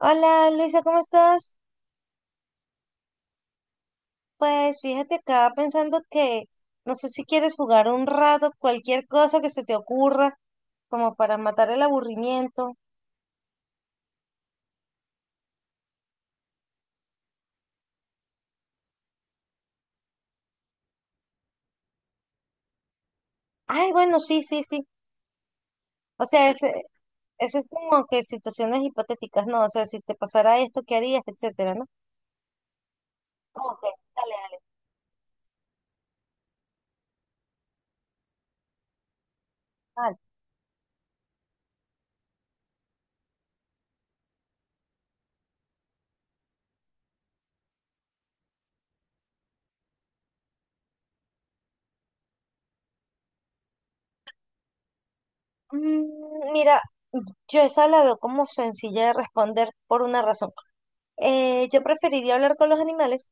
Hola Luisa, ¿cómo estás? Pues fíjate acá pensando que no sé si quieres jugar un rato, cualquier cosa que se te ocurra, como para matar el aburrimiento. Ay, bueno, sí, sí, sí. O sea, ese es como que situaciones hipotéticas, ¿no? O sea, si te pasara esto, ¿qué harías? Etcétera, ¿no? Ok, dale, dale. Vale. Mira, yo esa la veo como sencilla de responder por una razón. Yo preferiría hablar con los animales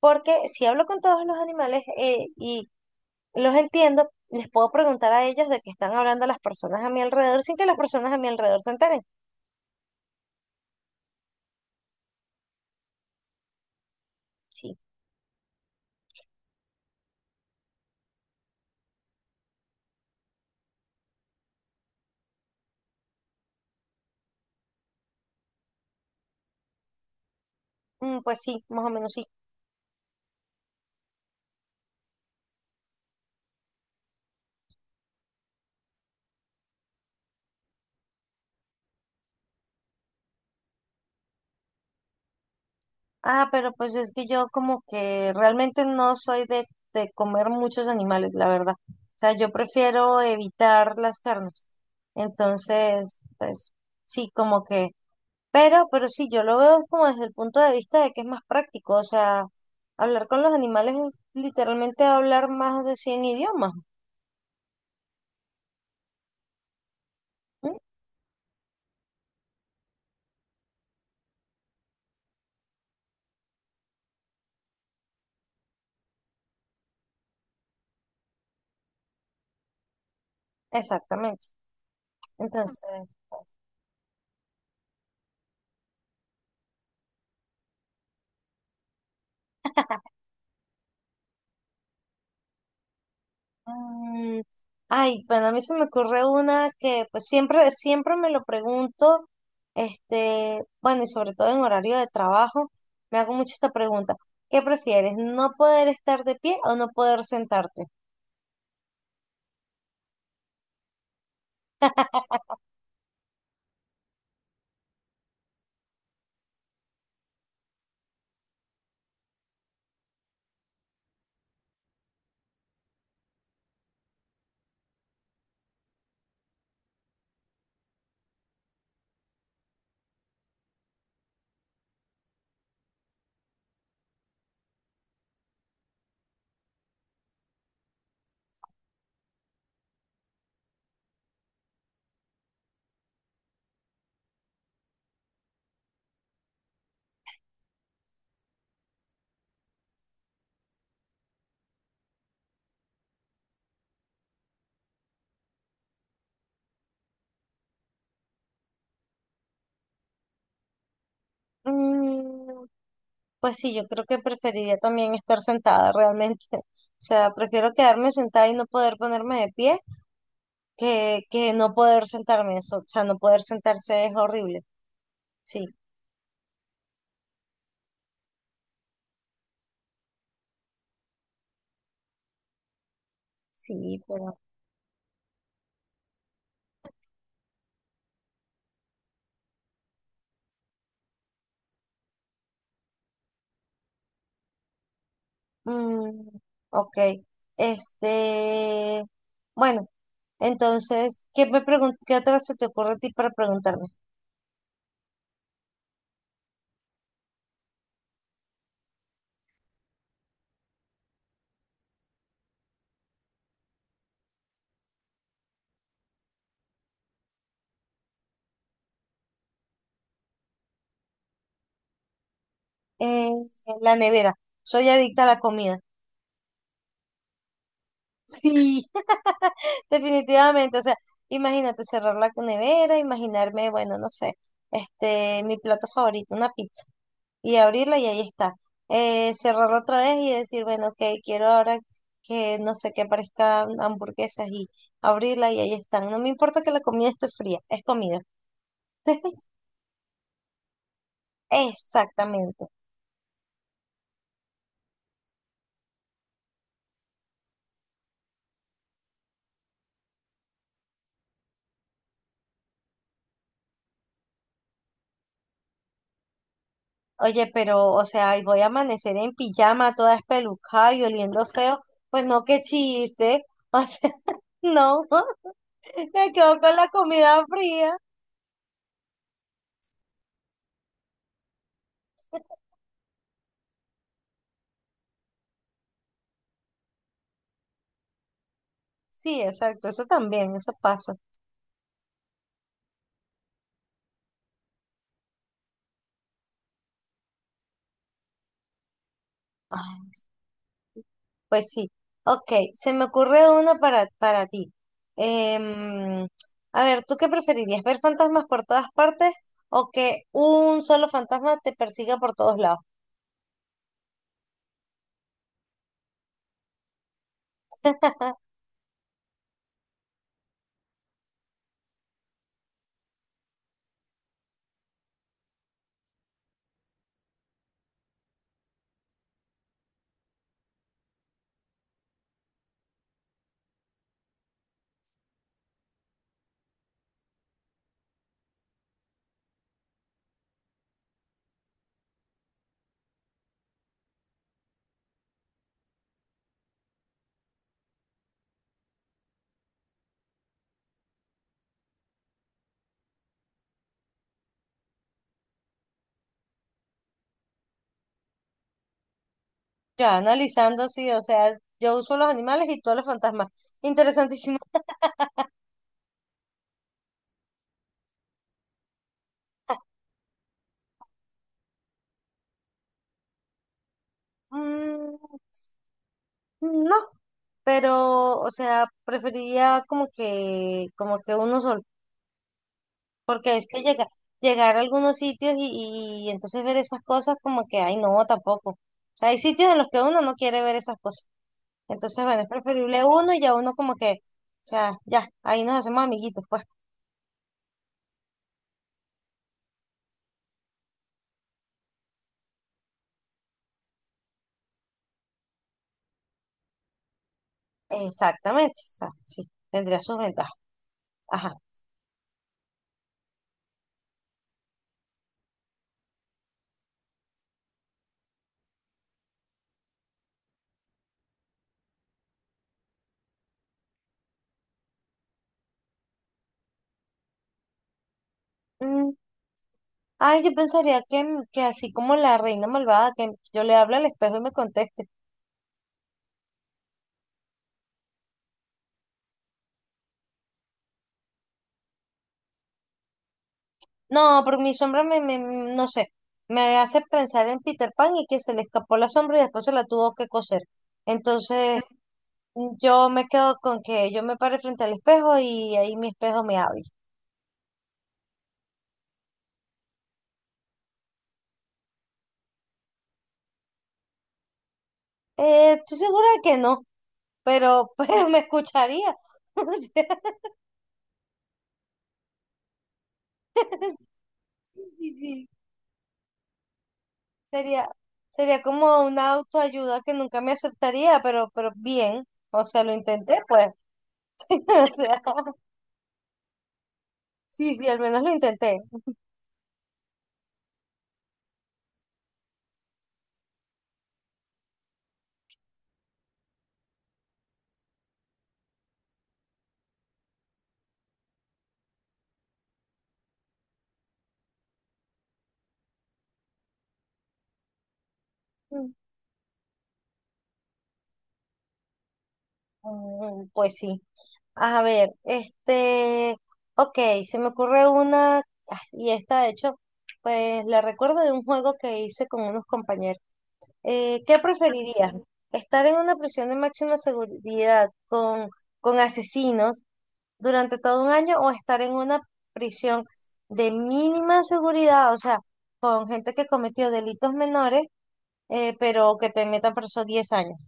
porque si hablo con todos los animales y los entiendo, les puedo preguntar a ellos de qué están hablando las personas a mi alrededor sin que las personas a mi alrededor se enteren. Sí, pues sí, más o menos sí. Ah, pero pues es que yo como que realmente no soy de comer muchos animales, la verdad. O sea, yo prefiero evitar las carnes. Entonces, pues sí, como que, pero sí, yo lo veo como desde el punto de vista de que es más práctico. O sea, hablar con los animales es literalmente hablar más de 100 idiomas. ¿Mm? Exactamente. Entonces, mm, ay, bueno, a mí se me ocurre una que pues siempre, siempre me lo pregunto, este, bueno, y sobre todo en horario de trabajo, me hago mucho esta pregunta. ¿Qué prefieres, no poder estar de pie o no poder sentarte? Mm, pues sí, yo creo que preferiría también estar sentada realmente. O sea, prefiero quedarme sentada y no poder ponerme de pie que no poder sentarme. Eso, o sea, no poder sentarse es horrible. Sí, sí, pero... Mm, ok. Este, bueno, entonces, ¿ qué otra se te ocurre a ti para preguntarme? Eh, la nevera. Soy adicta a la comida. Sí, definitivamente. O sea, imagínate cerrar la nevera, imaginarme, bueno, no sé, este, mi plato favorito, una pizza. Y abrirla y ahí está. Cerrarla otra vez y decir, bueno, ok, quiero ahora que no sé, que aparezcan hamburguesas y abrirla y ahí están. No me importa que la comida esté fría, es comida. Exactamente. Oye, pero, o sea, y voy a amanecer en pijama, toda espelucada y oliendo feo. Pues no, qué chiste. O sea, no, me quedo con la comida fría. Sí, exacto, eso también, eso pasa. Pues sí. Ok, se me ocurre una para ti. Em, a ver, ¿tú qué preferirías? ¿Ver fantasmas por todas partes o que un solo fantasma te persiga por todos lados? Ya, analizando, sí, o sea, yo uso los animales y todos los fantasmas. Interesantísimo. Mm, no, pero, o sea, preferiría como que uno solo. Porque es que llega, llegar a algunos sitios y entonces ver esas cosas como que, ay, no, tampoco. O sea, hay sitios en los que uno no quiere ver esas cosas. Entonces, bueno, es preferible uno y ya uno como que, o sea, ya, ahí nos hacemos amiguitos, pues. Exactamente, o sea, sí, tendría sus ventajas. Ajá. Mm, ay, yo pensaría que así como la reina malvada, que yo le hablo al espejo y me conteste. No, pero mi sombra no sé, me hace pensar en Peter Pan y que se le escapó la sombra y después se la tuvo que coser. Entonces, yo me quedo con que yo me pare frente al espejo y ahí mi espejo me habla. Estoy segura de que no, pero, pero me escucharía. O sea, sí, sí, sería, sería como una autoayuda que nunca me aceptaría, pero bien. O sea, lo intenté, pues. O sea, sí, sí, al menos lo intenté. Pues sí. A ver, este, ok, se me ocurre una, ah, y esta de hecho, pues la recuerdo de un juego que hice con unos compañeros. ¿Qué preferirías? ¿Estar en una prisión de máxima seguridad con asesinos durante todo un año o estar en una prisión de mínima seguridad, o sea, con gente que cometió delitos menores, pero que te metan preso 10 años?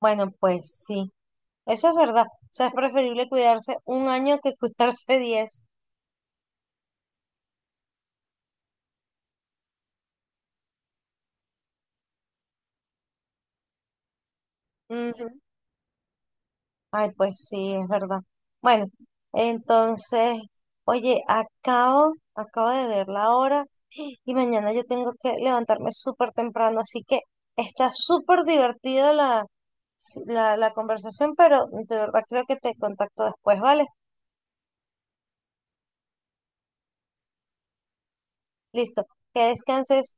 Bueno, pues sí. Eso es verdad. O sea, es preferible cuidarse un año que cuidarse 10. Ujú. Ay, pues sí, es verdad. Bueno, entonces, oye, acabo de ver la hora y mañana yo tengo que levantarme súper temprano, así que está súper divertida la, conversación, pero de verdad creo que te contacto después, ¿vale? Listo, que descanses.